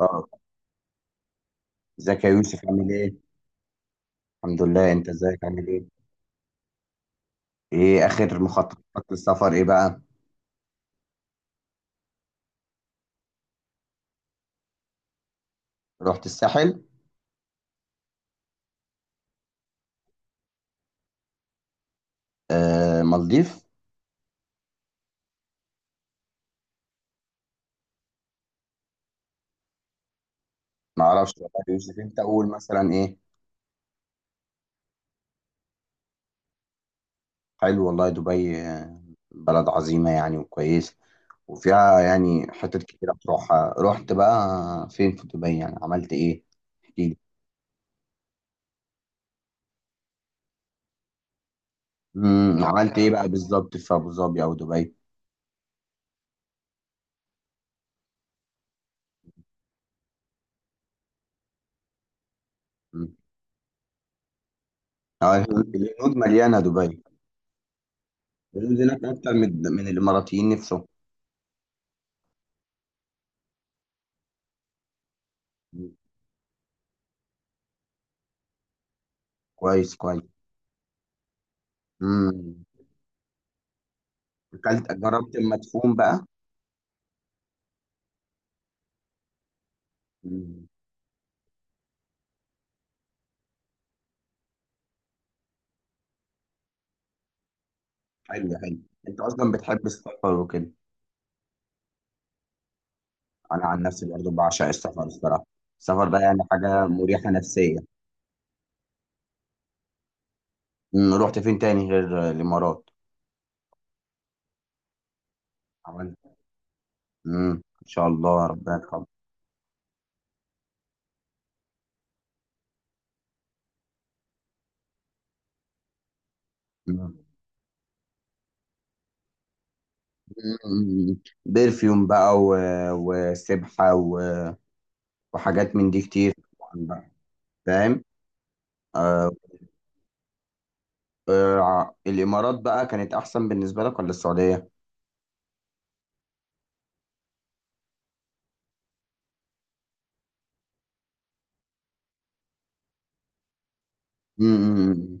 اه ازيك يا يوسف عامل ايه؟ الحمد لله، انت ازيك عامل ايه؟ ايه اخر مخططات للسفر، ايه بقى؟ رحت الساحل؟ آه، مالديف؟ ما اعرفش والله يا يوسف، انت قول مثلا ايه؟ حلو والله، دبي. بلد عظيمة يعني وكويسة، وفيها يعني حتت كتيرة بتروحها. رحت بقى فين في دبي؟ يعني عملت ايه؟ احكي لي. عملت ايه بقى بالظبط في ابو ظبي او دبي؟ مم. آه، الهنود مليانة دبي. الهنود هناك اكتر من الاماراتيين نفسهم. مم. كويس كويس. امم. اكلت؟ جربت المدفون بقى؟ امم. حلو حلو. انت اصلا بتحب السفر وكده. انا عن نفسي برضو بعشق السفر الصراحه. السفر ده يعني حاجه مريحه نفسيه. رحت فين تاني غير الامارات؟ عملت. امم. ان شاء الله ربنا يرحمه. مم. مم. برفيوم بقى، وسبحه، وحاجات من دي كتير. طبعا بقى. فاهم. آه... الامارات بقى كانت احسن بالنسبه لك ولا السعوديه؟ امم.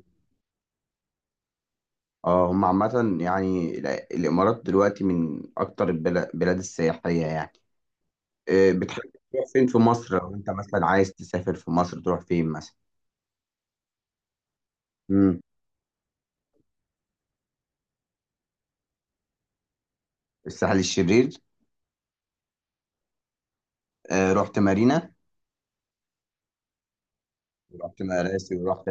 اه، هم عامة يعني الإمارات دلوقتي من أكتر البلاد السياحية يعني. بتحب تروح فين في مصر؟ لو أنت مثلا عايز تسافر في مصر تروح فين مثلا؟ مم. الساحل الشرير. رحت مارينا ورحت مراسي ورحت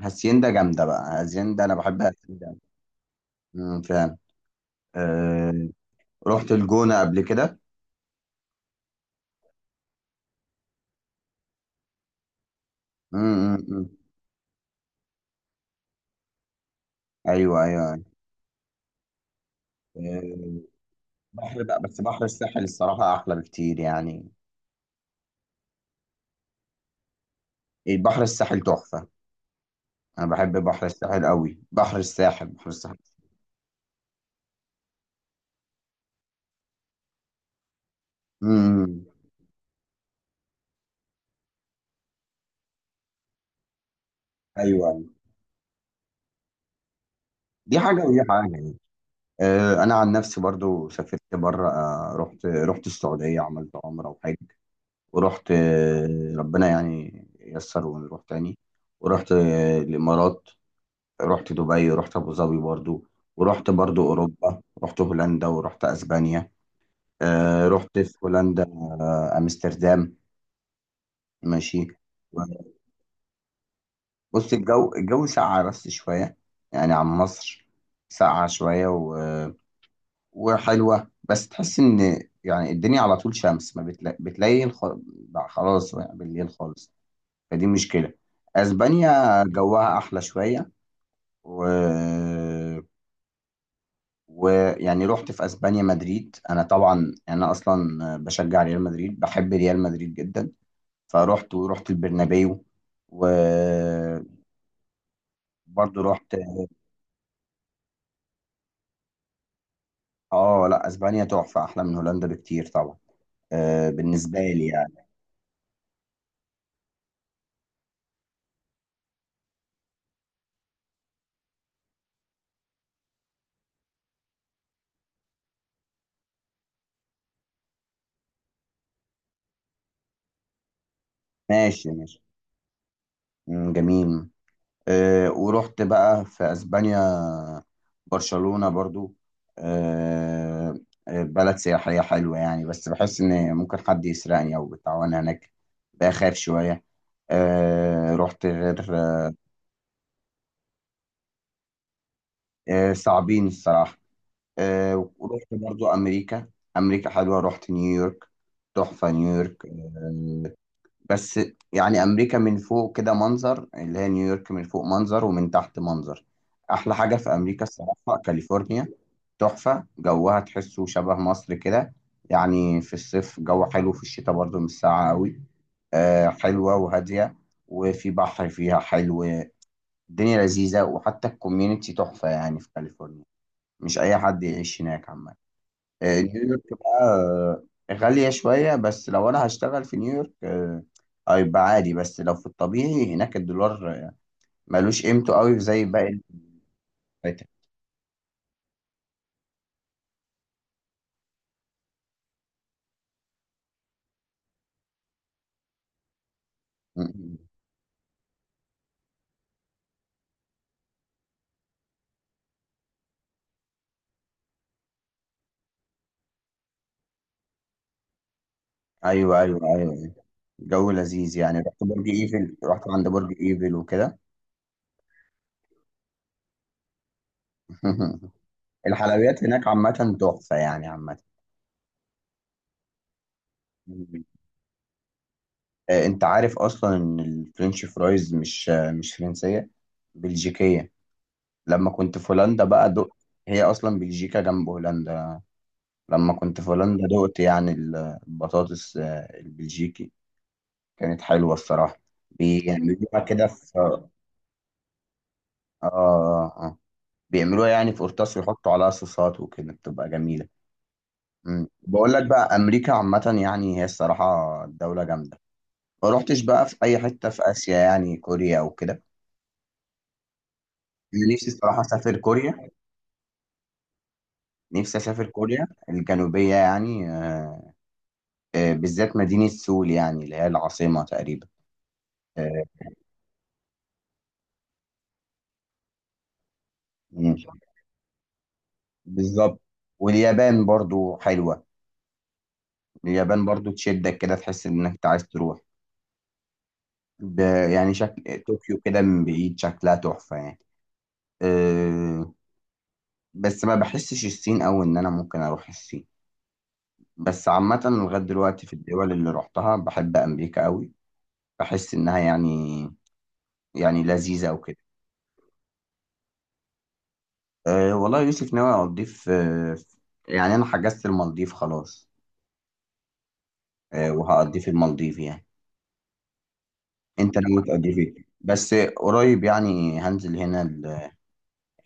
هاسيندا. جامدة بقى هاسيندا، أنا بحب هاسيندا. مم، فعلا. آه، رحت الجونة قبل كده. مم، مم، مم. أيوه أيوه أيوة. آه، بحر بقى، بس بحر الساحل الصراحة أحلى بكتير يعني. البحر الساحل تحفة. انا بحب بحر الساحل قوي، بحر الساحل بحر الساحل. امم. ايوه، دي حاجه ودي حاجه يعني. انا عن نفسي برضو سافرت بره، رحت السعوديه، عملت عمره وحج. ورحت، ربنا يعني يسر ونروح تاني. ورحت الامارات. رحت دبي ورحت ابو ظبي برضو. ورحت برضو اوروبا، رحت هولندا ورحت اسبانيا. رحت في هولندا، امستردام. ماشي. بص، الجو ساقع بس شوية يعني عن مصر. ساقعة شوية وحلوة، بس تحس إن يعني الدنيا على طول شمس، ما بتلاقي خلاص يعني بالليل خالص. فدي مشكلة. أسبانيا جوها أحلى شوية و... ويعني رحت في أسبانيا مدريد. أنا طبعا أنا أصلا بشجع ريال مدريد، بحب ريال مدريد جدا. فرحت ورحت البرنابيو. وبرضه رحت. اه لا، اسبانيا تحفه، احلى من هولندا بكتير طبعا. آه، بالنسبه لي يعني. ماشي ماشي. مم، جميل. ورحت بقى في اسبانيا، برشلونه برضو. آه. بلد سياحيه حلوه يعني، بس بحس ان ممكن حد يسرقني او بتاع وانا هناك، بخاف شويه. رحت غير. آه، صعبين الصراحه. ورحت برضو امريكا. امريكا حلوه، رحت نيويورك. تحفه نيويورك. بس يعني امريكا من فوق كده منظر، اللي هي نيويورك من فوق منظر ومن تحت منظر. احلى حاجه في امريكا الصراحه كاليفورنيا. تحفه جوها، تحسه شبه مصر كده، يعني في الصيف جو حلو، في الشتاء برضو مش ساقعه قوي. آه، حلوه وهاديه، وفي بحر فيها حلو. الدنيا لذيذه، وحتى الكوميونتي تحفه يعني في كاليفورنيا. مش اي حد يعيش هناك عامه. نيويورك بقى غالية شوية، بس لو أنا هشتغل في نيويورك، هيبقى عادي. بس لو في الطبيعي هناك الدولار، ملوش قيمته قوي زي باقي الفاتح. أيوه أيوه أيوه. جو لذيذ يعني، رحت برج إيفل، رحت عند برج إيفل وكده. الحلويات هناك عامة تحفة يعني، عامة. مم. أنت عارف أصلا إن الفرنش فرايز مش فرنسية، بلجيكية. لما كنت في هولندا بقى دقت. هي أصلا بلجيكا جنب هولندا. لما كنت في هولندا دقت يعني البطاطس البلجيكي، كانت حلوة الصراحة. بيعملوها كده في آه, آه بيعملوها يعني في قرطاس ويحطوا عليها صوصات وكده، بتبقى جميلة. مم. بقول لك بقى، أمريكا عامة يعني هي الصراحة دولة جامدة. ما روحتش بقى في أي حتة في آسيا يعني كوريا أو كده. أنا نفسي الصراحة أسافر كوريا، نفسي أسافر كوريا الجنوبية يعني. بالذات مدينة سول يعني اللي هي العاصمة تقريبا. آه. مم. بالظبط. واليابان برضو حلوة، اليابان برضو تشدك كده، تحس انك أنت عايز تروح. ب... يعني شكل طوكيو كده من بعيد، شكلها تحفة يعني. أه... بس ما بحسش الصين، او ان انا ممكن اروح الصين. بس عامة لغاية دلوقتي في الدول اللي رحتها، بحب امريكا قوي. بحس انها يعني لذيذة او كده. والله يا يوسف، ناوي اقضي في، يعني انا حجزت المالديف خلاص. وهقضي في المالديف يعني. انت ناوي تقضي فين؟ بس قريب يعني هنزل هنا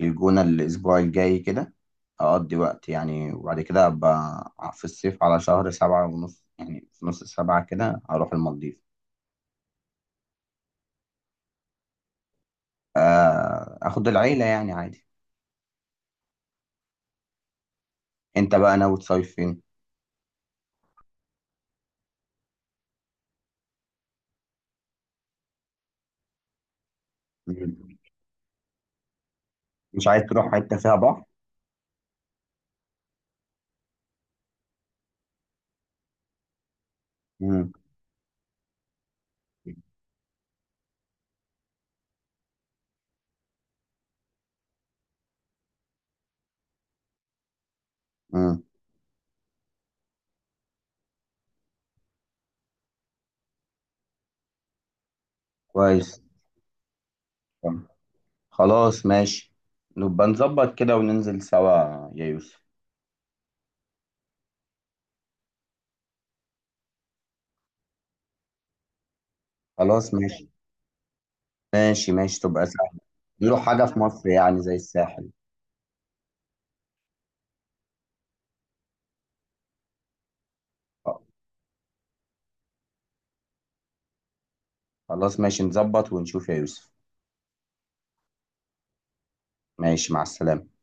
الجونة الأسبوع الجاي كده، أقضي وقت يعني. وبعد كده أبقى في الصيف على شهر سبعة ونص، يعني في نص سبعة كده هروح المالديف. أخد العيلة يعني عادي. أنت بقى ناوي تصيف فين؟ مم. مش عايز تروح حتة فيها بحر؟ مم. مم. كويس. طب خلاص ماشي، نبقى نظبط كده وننزل سوا يا يوسف. خلاص ماشي. ماشي ماشي، تبقى سهل. بيقولوا حاجة في مصر يعني زي الساحل. خلاص ماشي، نظبط ونشوف يا يوسف. ماشي، مع السلامة.